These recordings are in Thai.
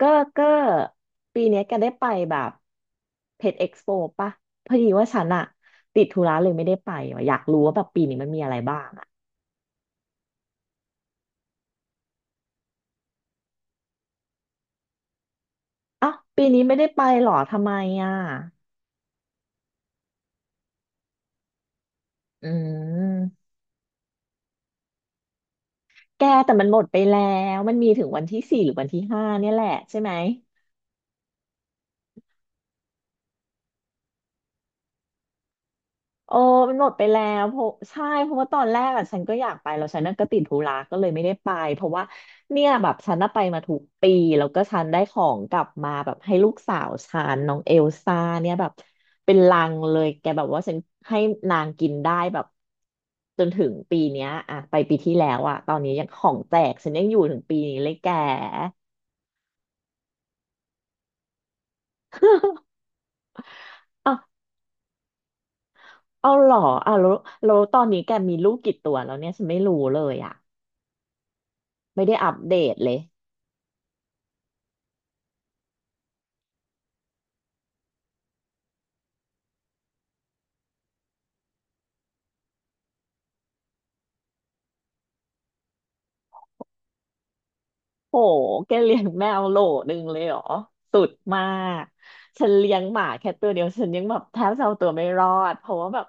ก็ก็ปีเนี้ยแกได้ไปแบบเพจเอ็กซ์โปปะพอดีว่าฉันอะติดธุระเลยไม่ได้ไปว่ะอยากรู้ว่าแบบปีนี้มันมีอะไรบ้างอะเอ้าปีนี้ไม่ได้ไปหรอทำไมอะอืมแกแต่มันหมดไปแล้วมันมีถึงวันที่สี่หรือวันที่ห้าเนี่ยแหละใช่ไหม เออมันหมดไปแล้วเพราะใช่เพราะว่าตอนแรกอ่ะฉันก็อยากไปแล้วฉันน่ะก็ติดธุระก็เลยไม่ได้ไปเพราะว่าเนี่ยแบบฉันน่ะไปมาถูกปีแล้วก็ฉันได้ของกลับมาแบบให้ลูกสาวฉันน้องเอลซ่าเนี่ยแบบเป็นลังเลยแกแบบว่าฉันให้นางกินได้แบบจนถึงปีเนี้ยอ่ะไปปีที่แล้วอ่ะตอนนี้ยังของแจกฉันยังอยู่ถึงปีนี้เลยแก เอะเอาเหรออ่ะแล้วตอนนี้แกมีลูกกี่ตัวแล้วเนี่ยฉันไม่รู้เลยอ่ะไม่ได้อัปเดตเลย โหแกเลี้ยงแมวโหลนึงเลยเหรอสุดมาก ฉันเลี้ยงหมาแค่ตัวเดียว ฉันยังแบบแทบจะเอาตัวไม่รอด เพราะว่าแบบ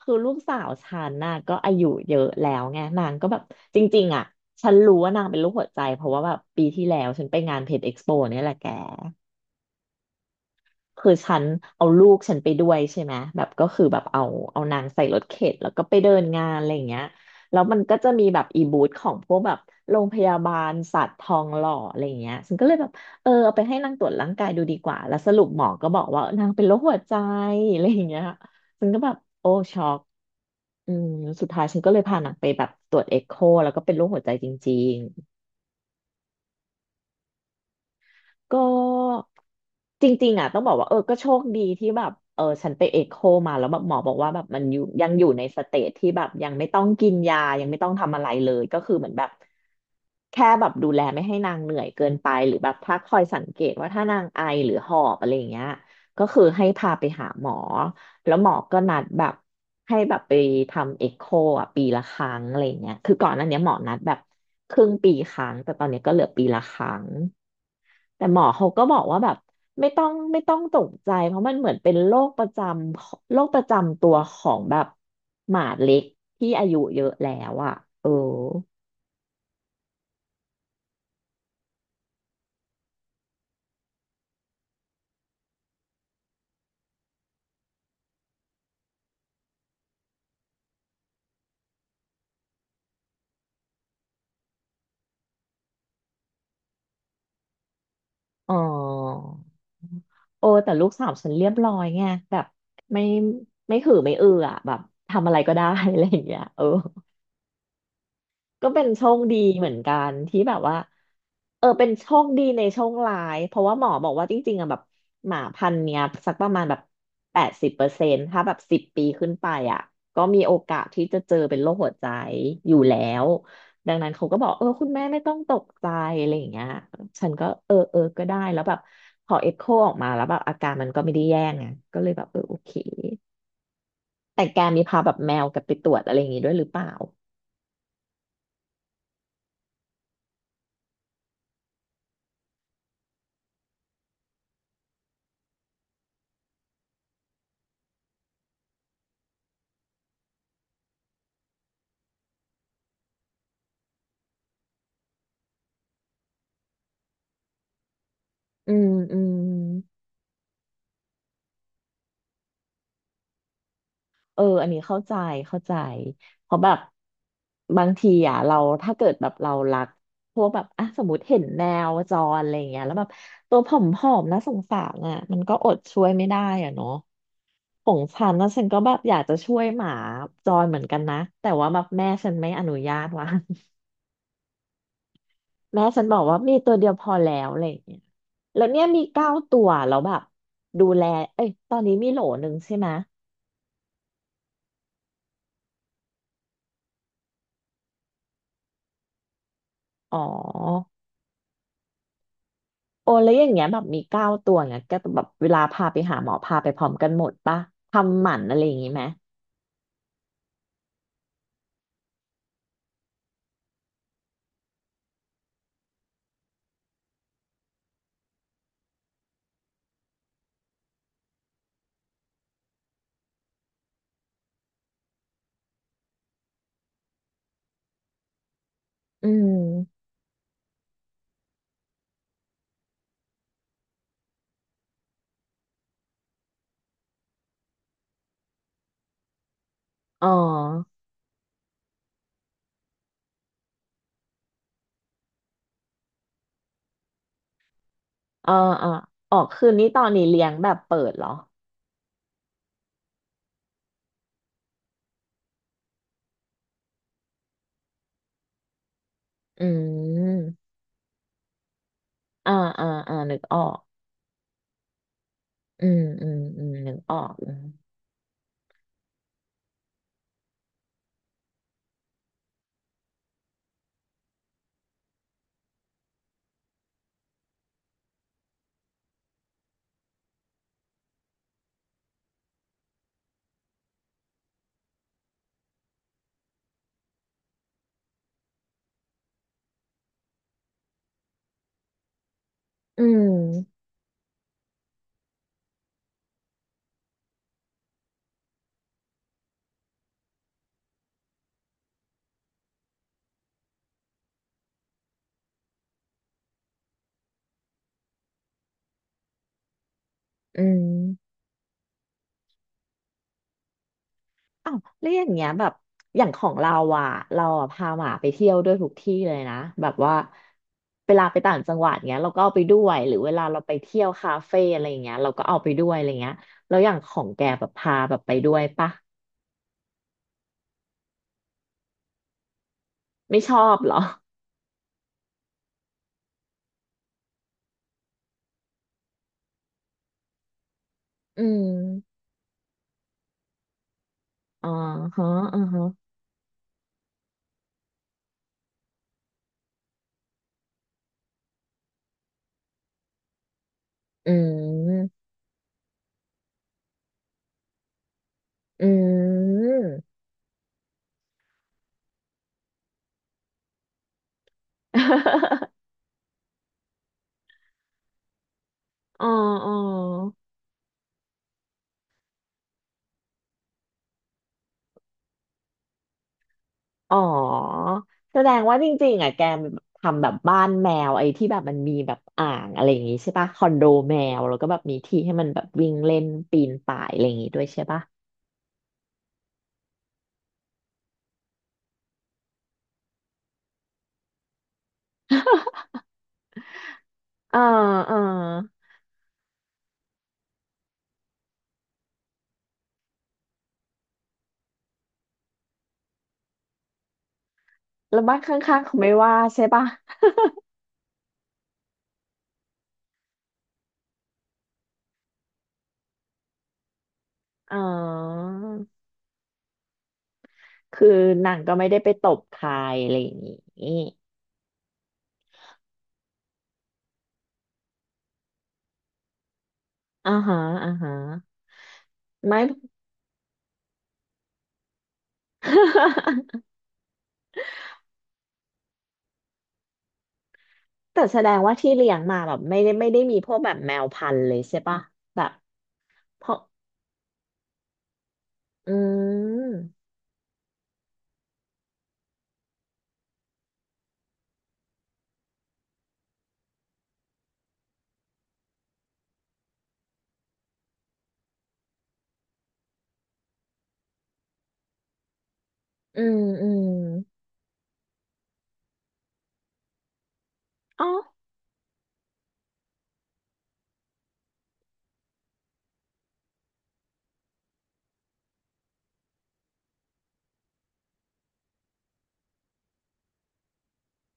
คือลูกสาวฉันน่ะก็อายุเยอะแล้วไงนางก็แบบจริงๆอ่ะฉันรู้ว่านางเป็นโรคหัวใจเพราะว่าแบบปีที่แล้วฉันไปงานเพจเอ็กซ์โปเนี่ยแหละแก คือฉันเอาลูกฉันไปด้วยใช่ไหมแบบก็คือแบบเอานางใส่รถเข็นแล้วก็ไปเดินงานอะไรอย่างเงี้ยแล้วมันก็จะมีแบบอีบูธของพวกแบบโรงพยาบาลสัตว์ทองหล่ออะไรอย่างเงี้ยฉันก็เลยแบบเออเอาไปให้นางตรวจร่างกายดูดีกว่าแล้วสรุปหมอก็บอกว่านางเป็นโรคหัวใจอะไรอย่างเงี้ยฉันก็แบบโอ้ช็อกอืมสุดท้ายฉันก็เลยพานางไปแบบตรวจเอ็กโคแล้วก็เป็นโรคหัวใจจริง ก็จริงๆอ่ะต้องบอกว่าเออก็โชคดีที่แบบเออฉันไปเอ็กโคมาแล้วแบบหมอบอกว่าแบบมันยังอยู่ในสเตจที่แบบยังไม่ต้องกินยายังไม่ต้องทำอะไรเลยก็คือเหมือนแบบแค่แบบดูแลไม่ให้นางเหนื่อยเกินไปหรือแบบถ้าคอยสังเกตว่าถ้านางไอหรือหอบอะไรอย่างเงี้ยก็คือให้พาไปหาหมอแล้วหมอก็นัดแบบให้แบบไปทำเอ็กโคอ่ะปีละครั้งอะไรอย่างเงี้ยคือก่อนหน้านี้หมอนัดแบบ ครึ่งปีครั้งแต่ตอนนี้ก็เหลือปีละครั้งแต่หมอเขาก็บอกว่าแบบไม่ต้องตกใจเพราะมันเหมือนเป็นโรคประจำตัวของแบบหมาเล็กที่อายุเยอะแล้วอ่ะเอออ๋อโอ้แต่ลูกสาวฉันเรียบร้อยไงแบบไม่ไม่หือไม่อืออ่ะแบบทำอะไรก็ได้ อะไรอย่างเงี้ยเออ ก็เป็นโชคดีเหมือนกันที่แบบว่าเออเป็นโชคดีในโชคร้ายเพราะว่าหมอบอกว่าจริงๆอะแบบหมาพันธุ์เนี้ยสักประมาณแบบ80%ถ้าแบบ10 ปีขึ้นไปอ่ะก็มีโอกาสที่จะเจอเป็นโรคหัวใจอยู่แล้วดังนั้นเขาก็บอกเออคุณแม่ไม่ต้องตกใจอะไรอย่างเงี้ยฉันก็เออก็ได้แล้วแบบพอเอ็กโคออกมาแล้วแบบอาการมันก็ไม่ได้แย่ไงก็เลยแบบเออโอเคแต่แกมีพาแบบแมวกลับไปตรวจอะไรอย่างงี้ด้วยหรือเปล่าอืมอืม เอออันนี้เข้าใจ เข้าใจ เพราะแบบบางทีอ่ะเราถ้าเกิดแบบเรารักพวกแบบอ่ะสมมติเห็นแมวจรอะไรอย่างเงี้ยแล้วแบบตัวผอมๆนะสงสารอ่ะมันก็อดช่วยไม่ได้อ่ะเนาะของฉันนะฉันก็แบบอยากจะช่วยหมาจรเหมือนกันนะแต่ว่าแบบแม่ฉันไม่อนุญาตว่ะ แม่ฉันบอกว่ามีตัวเดียวพอแล้วอะไรอย่างเงี้ยแล้วเนี่ยมีเก้าตัวแล้วแบบดูแลเอ้ยตอนนี้มีโหลหนึ่งใช่ไหมยอ๋อ โอ้แล้วอย่างเงี้ยแบบมีเก้าตัวเงี้ยก็แบบเวลาพาไปหาหมอพาไปพร้อมกันหมดปะทำหมันอะไรอย่างงี้ไหมอืมอ๋ออ่าอ่าอ๋อคืนนี้ตอนนี้เลี้ยงแบบเปิดเหรออืมอ่าอ่าอ่านึกออกอืมอืมอืมนึกออกอืมอืมอืม อ้าวแล้วอย่างเงี้ยแบบอย่างของเราอ่ะเราอะพาหมาไปเที่ยวด้วยทุกที่เลยนะแบบว่าเวลาไปต่างจังหวัดเงี้ยเราก็เอาไปด้วยหรือเวลาเราไปเที่ยวคาเฟ่อะไรอย่างเงี้ยเราก็เอาไปด้วยอะไรเงี้ยแล้วอย่างของแกแบบพาแบบไปด้วยปะไม่ชอบเหรออืมอ๋อฮะอ๋อฮะอืมอืม อ๋ออ๋อ อ๋อแสดงว่าจริงๆอ่ะแกทำแบบบ้านแมวไอ้ที่แบบมันมีแบบอ่างอะไรอย่างงี้ใช่ปะคอนโดแมวแล้วก็แบบมีที่ให้มันแบบวิ่งเล่นปีนป่ายอะไรอย่างงี้ด้วยใช่ปะเออเออแล้วบ้านข้างๆเขาไม่ว่าใช่ปะอ๋อคือนางก็ไม่ได้ไปตบใครอะไรอย่างงี้อ่าฮะอ่าฮะไม่ แต่แสดงว่าที่เลี้ยงมาแบบไม่ได้ไม่ได้มีพวกแบบแมวพันธุ์เลยใช่ปะแบบเพราะอืม อืมอืมอ๋อ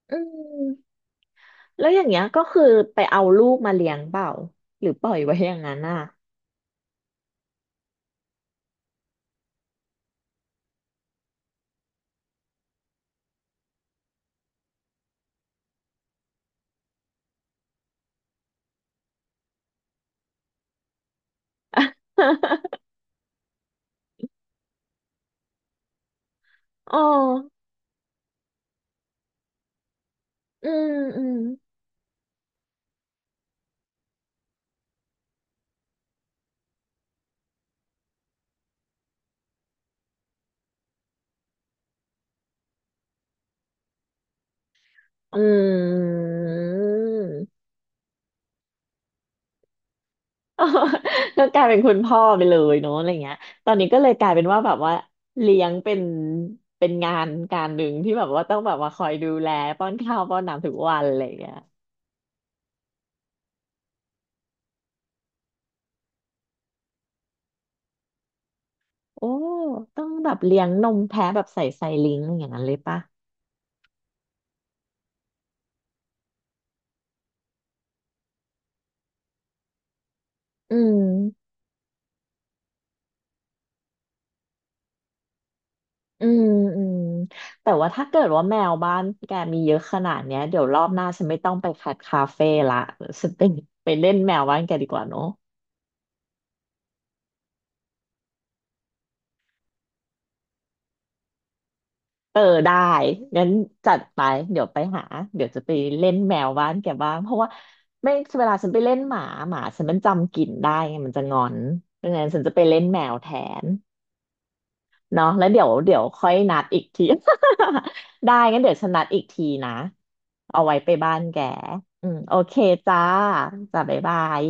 อืมแล้วอย่างเงี้ยก็คือไปเอาลูกมาเลี้ยงเปล่าหรือปล่อยไว้อย่างนั้นอ่ะ อ๋ออืมอืมอืมอ๋อ ก็กลายเป็นคุณพ่อไปเลยเนาะอะไรเงี้ยตอนนี้ก็เลยกลายเป็นว่าแบบว่าเลี้ยงเป็นเป็นงานการหนึ่งที่แบบว่าต้องแบบว่าคอยดูแลป้อนข้าวป้อนน้ำทุกวันอะไรเงี้ยโอ้ต้องแบบเลี้ยงนมแพะแบบใส่ไซลิงก์อย่างนั้นเลยปะอืม อืมอืมแต่ว่าถ้าเกิดว่าแมวบ้านแกมีเยอะขนาดเนี้ยเดี๋ยวรอบหน้าฉันไม่ต้องไปคัดคาเฟ่ละฉันไปไปเล่นแมวบ้านแกดีกว่าเนอะเออได้งั้นจัดไปเดี๋ยวไปหาเดี๋ยวจะไปเล่นแมวบ้านแกบ้างเพราะว่าไม่เวลาฉันไปเล่นหมาหมาฉันมันจำกลิ่นได้ไงมันจะงอนดังนั้นฉันจะไปเล่นแมวแทน เนาะแล้วเดี๋ยวเดี๋ยวค่อยนัดอีกที ได้งั้นเดี๋ยวฉันนัดอีกทีนะเอาไว้ไปบ้านแกอืมโอเคจ้าจ้าบ๊ายบาย